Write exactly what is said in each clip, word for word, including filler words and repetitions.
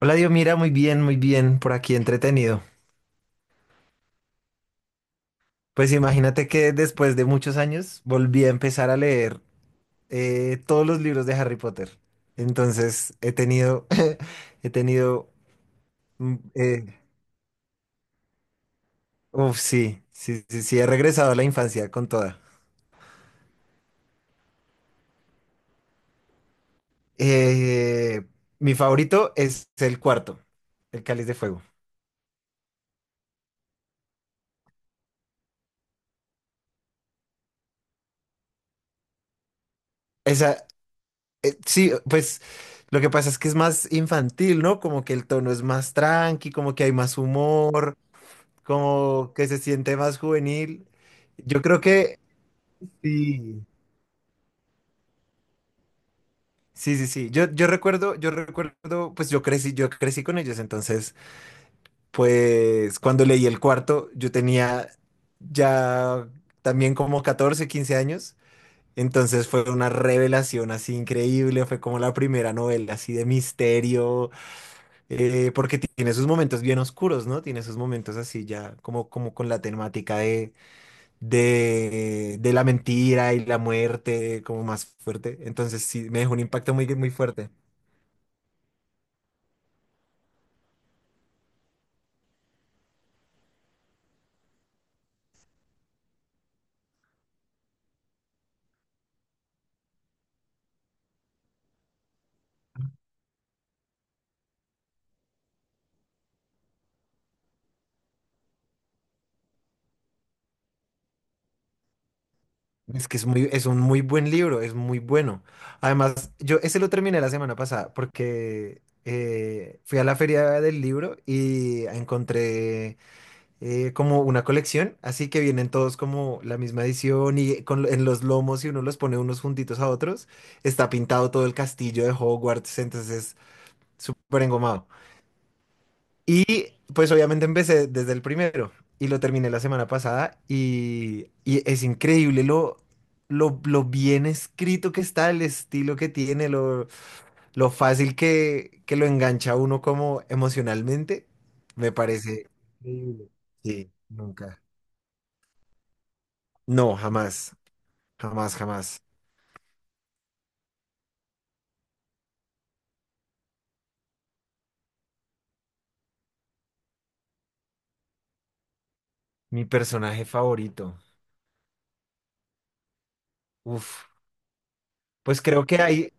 Hola, Dios, mira, muy bien, muy bien, por aquí entretenido. Pues imagínate que después de muchos años volví a empezar a leer eh, todos los libros de Harry Potter. Entonces he tenido, he tenido, mm, eh, uf, sí, sí, sí, sí, he regresado a la infancia con toda. Eh, Mi favorito es el cuarto, el Cáliz de Fuego. Esa, eh, sí, pues lo que pasa es que es más infantil, ¿no? Como que el tono es más tranqui, como que hay más humor. Como que se siente más juvenil. Yo creo que sí, sí, sí, sí. Yo, yo recuerdo, yo recuerdo, pues yo crecí, yo crecí con ellos, entonces, pues cuando leí el cuarto, yo tenía ya también como catorce quince años, entonces fue una revelación así increíble, fue como la primera novela así de misterio, eh, porque tiene sus momentos bien oscuros, ¿no? Tiene sus momentos así ya como, como con la temática de, de la mentira y la muerte como más fuerte. Entonces sí, me dejó un impacto muy, muy fuerte. Es que es muy, es un muy buen libro, es muy bueno. Además, yo ese lo terminé la semana pasada porque eh, fui a la feria del libro y encontré eh, como una colección, así que vienen todos como la misma edición y con, en los lomos y uno los pone unos juntitos a otros. Está pintado todo el castillo de Hogwarts, entonces es súper engomado. Y pues obviamente empecé desde el primero y lo terminé la semana pasada y, y es increíble lo, lo, lo bien escrito que está, el estilo que tiene, lo, lo fácil que, que lo engancha a uno como emocionalmente. Me parece increíble. Sí, nunca. No, jamás, jamás, jamás. Mi personaje favorito. Uf, pues creo que hay,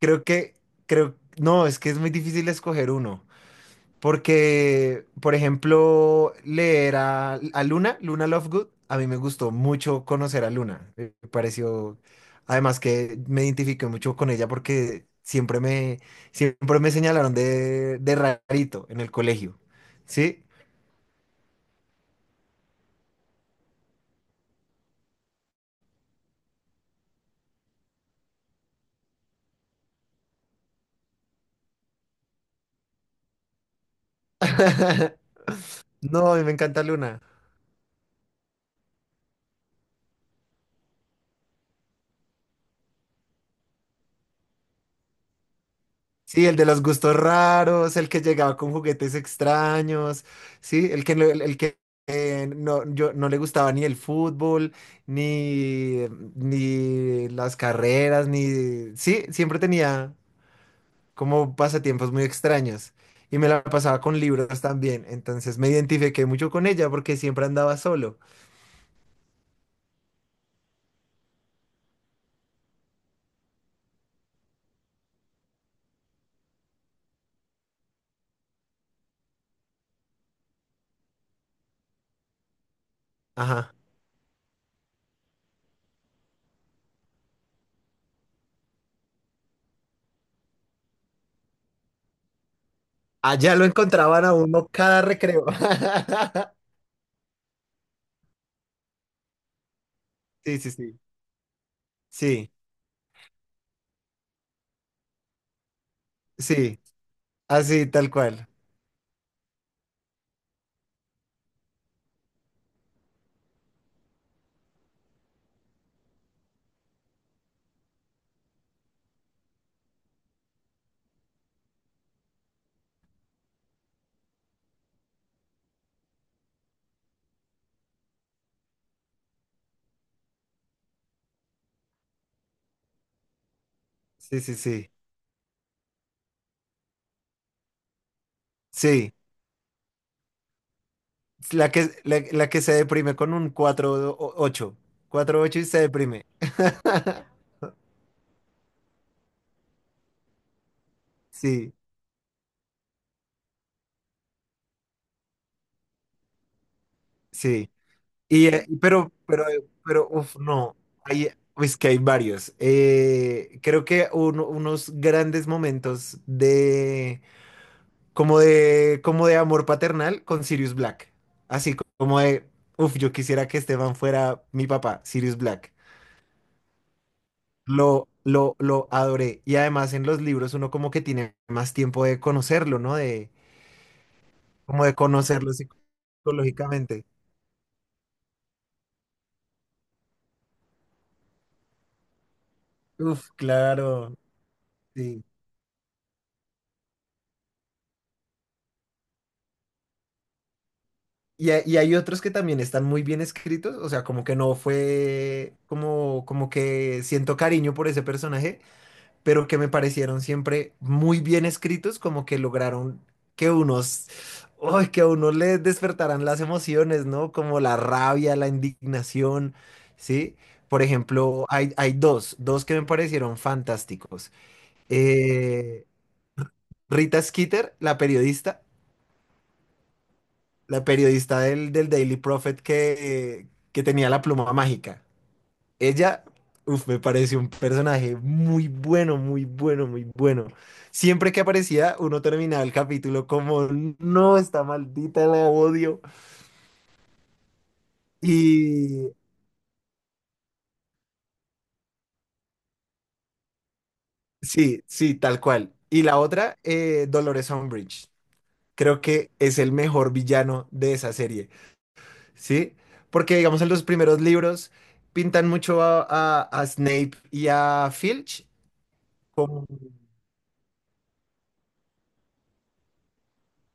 creo que, Creo, no, es que es muy difícil escoger uno. Porque, por ejemplo, leer a, a Luna, Luna Lovegood, a mí me gustó mucho conocer a Luna. Eh, Me pareció, además que me identifiqué mucho con ella porque siempre me, siempre me señalaron de, de rarito en el colegio. ¿Sí? No, a mí me encanta Luna. Sí, el de los gustos raros, el que llegaba con juguetes extraños, sí, el que, no- el, el que eh, no, yo, no le gustaba ni el fútbol, ni, ni las carreras, ni... Sí, siempre tenía como pasatiempos muy extraños y me la pasaba con libros también, entonces me identifiqué mucho con ella porque siempre andaba solo. Ajá. Allá lo encontraban a uno cada recreo. Sí, sí, sí. Sí, sí, así, tal cual. Sí, sí, sí. Sí, la que, la, la que se deprime con un cuatro ocho, cuatro ocho y se deprime. Sí, sí. Y, eh, pero, pero, eh, pero, uf, no. Hay, es que hay varios. Eh, creo que uno- unos grandes momentos de, como de, como de amor paternal con Sirius Black. Así co- como de, uf, Yo quisiera que Esteban fuera mi papá, Sirius Black. Lo, lo, lo adoré. Y además en los libros uno como que tiene más tiempo de conocerlo, ¿no? De como de conocerlo psicológicamente. Uf, claro, sí. Y, hay- y hay otros que también están muy bien escritos, o sea, como que no fue, como, como que siento cariño por ese personaje, pero que me parecieron siempre muy bien escritos, como que lograron que unos, ¡ay! Que a uno le despertaran las emociones, ¿no? Como la rabia, la indignación, ¿sí? Por ejemplo, hay, hay dos, dos que me parecieron fantásticos. Eh, Rita Skeeter, la periodista, la periodista del del Daily Prophet que, que tenía la pluma mágica. Ella, uf, Me pareció un personaje muy bueno, muy bueno, muy bueno. Siempre que aparecía, uno terminaba el capítulo como, no, está maldita, la odio. Y sí, sí, tal cual. Y la otra, eh, Dolores Umbridge. Creo que es el mejor villano de esa serie, ¿sí? Porque, digamos, en los primeros libros pintan mucho a, a- a Snape y a Filch como...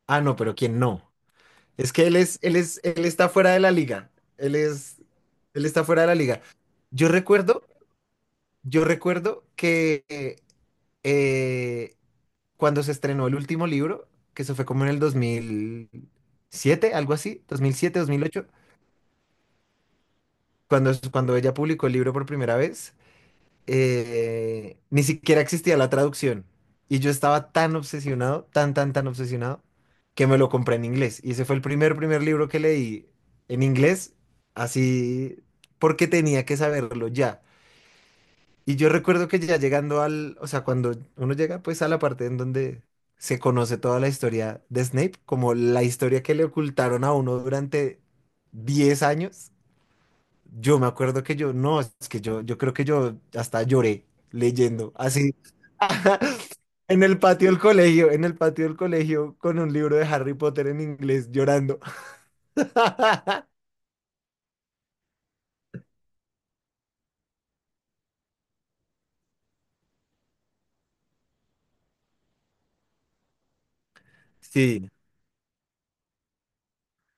Ah, no, pero ¿quién no? Es que él es, él es, Él está fuera de la liga. Él es, Él está fuera de la liga. Yo recuerdo, yo recuerdo que eh, eh, cuando se estrenó el último libro, que se fue como en el dos mil siete, algo así, dos dos mil siete, dos mil ocho, cuando, cuando ella publicó el libro por primera vez, eh, ni siquiera existía la traducción. Y yo estaba tan obsesionado, tan, tan, tan obsesionado, que me lo compré en inglés. Y ese fue el primer, primer libro que leí en inglés, así porque tenía que saberlo ya. Y yo recuerdo que ya llegando al, o sea, cuando uno llega pues a la parte en donde se conoce toda la historia de Snape, como la historia que le ocultaron a uno durante diez años. Yo me acuerdo que yo, no, es que yo, yo creo que yo hasta lloré leyendo, así, en el patio del colegio, en el patio del colegio, con un libro de Harry Potter en inglés, llorando. Sí.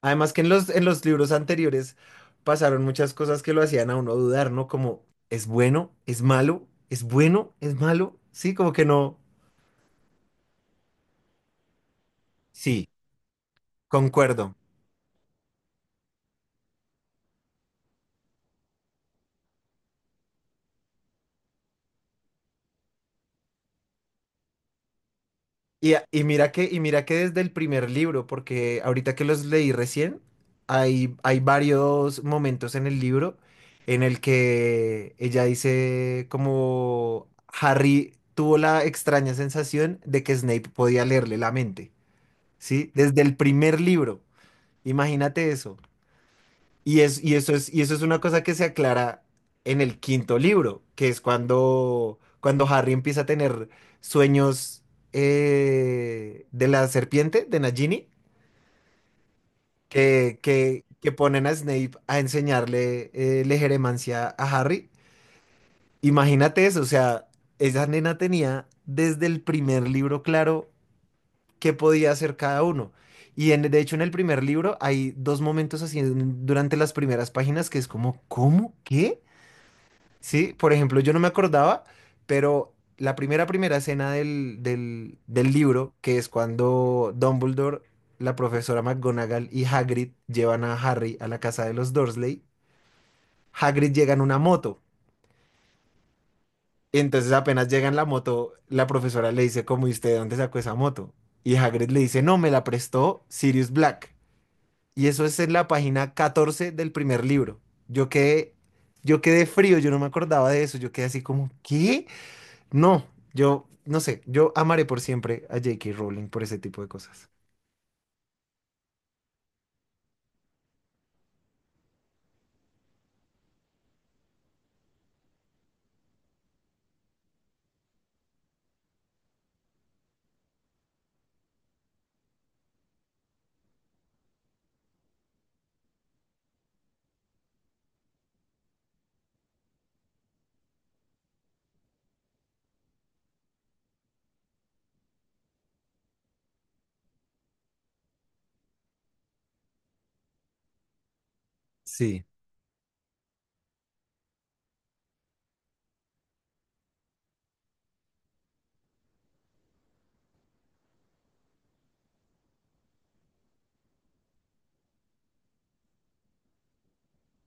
Además que en los, en los libros anteriores pasaron muchas cosas que lo hacían a uno dudar, ¿no? Como, ¿es bueno? ¿Es malo? ¿Es bueno? ¿Es malo? Sí, como que no. Sí, concuerdo. Y, a- y mira que, y mira que desde el primer libro, porque ahorita que los leí recién, hay, hay varios momentos en el libro en el que ella dice como Harry tuvo la extraña sensación de que Snape podía leerle la mente, ¿sí? Desde el primer libro, imagínate eso. Y, es, y, eso es, y eso es una cosa que se aclara en el quinto libro, que es cuando, cuando Harry empieza a tener sueños eh, de la serpiente, de Nagini, que, que, que ponen a Snape a enseñarle eh, legeremancia a Harry. Imagínate eso, o sea, esa nena tenía desde el primer libro claro qué podía hacer cada uno. Y en- de hecho en el primer libro hay dos momentos así en- durante las primeras páginas que es como, ¿cómo? ¿Qué? Sí, por ejemplo, yo no me acordaba, pero la primera, primera escena del, del, del libro, que es cuando Dumbledore, la profesora McGonagall y Hagrid llevan a Harry a la casa de los Dursley, Hagrid llega en una moto. Entonces apenas llega en la moto, la profesora le dice, como, ¿y usted de dónde sacó esa moto? Y Hagrid le dice, no, me la prestó Sirius Black. Y eso es en la página catorce del primer libro. Yo quedé, yo quedé frío, yo no me acordaba de eso, yo quedé así como, ¿qué? No, yo, no sé, yo amaré por siempre a jota ka. Rowling por ese tipo de cosas. Sí,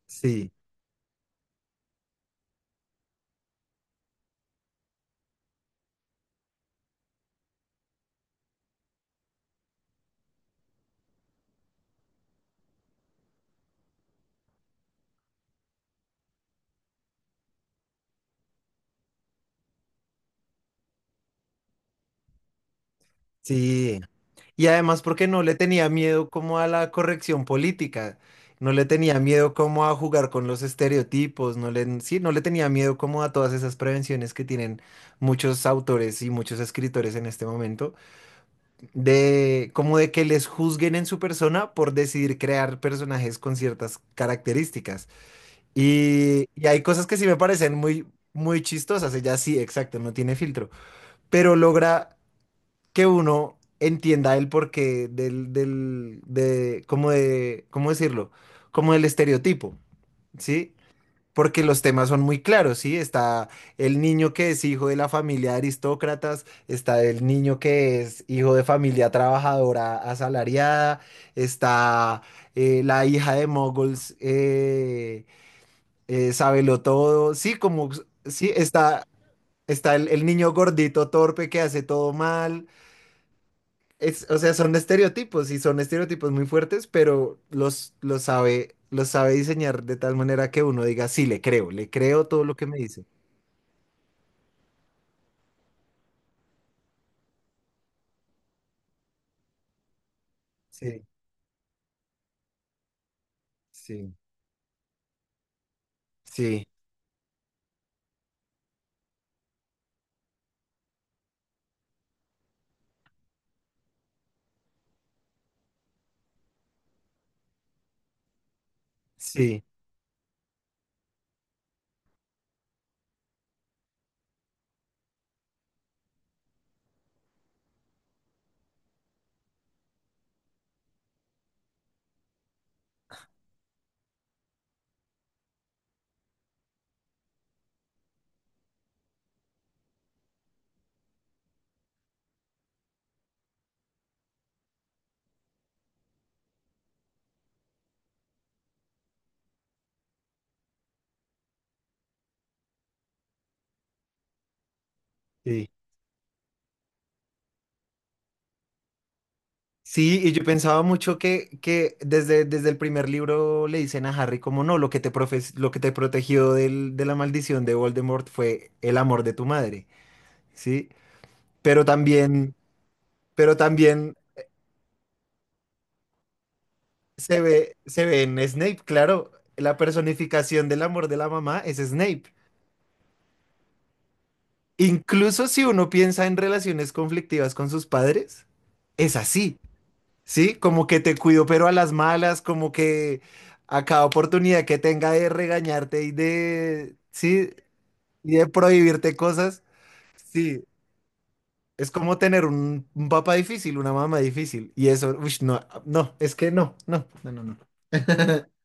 sí, sí. Y además porque no le tenía miedo como a la corrección política, no le tenía miedo como a jugar con los estereotipos, no le, sí, no le tenía miedo como a todas esas prevenciones que tienen muchos autores y muchos escritores en este momento, de como de que les juzguen en su persona por decidir crear personajes con ciertas características. Y, y hay cosas que sí me parecen muy, muy chistosas. Ella sí, exacto, no tiene filtro. Pero logra que uno entienda el porqué del, del, de, como de, ¿cómo decirlo? Como del estereotipo, ¿sí? Porque los temas son muy claros, ¿sí? Está el niño que es hijo de la familia de aristócratas, está el niño que es hijo de familia trabajadora asalariada, está eh, la hija de moguls, eh, eh, sábelo todo. Sí, como, sí, está, está el, el niño gordito torpe que hace todo mal. Es, o sea, son estereotipos y son estereotipos muy fuertes, pero los, los sabe, los sabe diseñar de tal manera que uno diga, sí, le creo, le creo todo lo que me dice. Sí, sí, sí, sí, sí. Sí, y yo pensaba mucho que, que desde, desde el primer libro le dicen a Harry como no, lo que te profe- lo que te protegió del- de la maldición de Voldemort fue el amor de tu madre. ¿Sí? Pero también, pero también se ve, se ve en Snape, claro, la personificación del amor de la mamá es Snape. Incluso si uno piensa en relaciones conflictivas con sus padres, es así, ¿sí? Como que te cuido, pero a las malas, como que a cada oportunidad que tenga de regañarte y de, sí, y de prohibirte cosas, sí. Es como tener un, un papá difícil, una mamá difícil. Y eso, uy, no, no, es que no, no, no, no, no.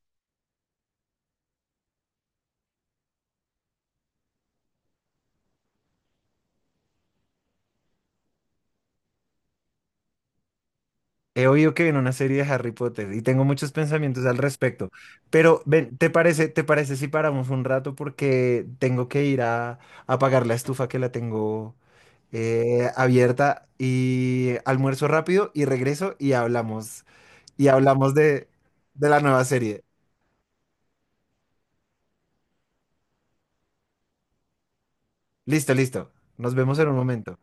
He oído que viene una serie de Harry Potter y tengo muchos pensamientos al respecto. Pero ven, ¿te parece, ¿te parece si paramos un rato? Porque tengo que ir a, a apagar la estufa que la tengo eh, abierta y almuerzo rápido y regreso y hablamos. Y hablamos de, de la nueva serie. Listo, listo. Nos vemos en un momento.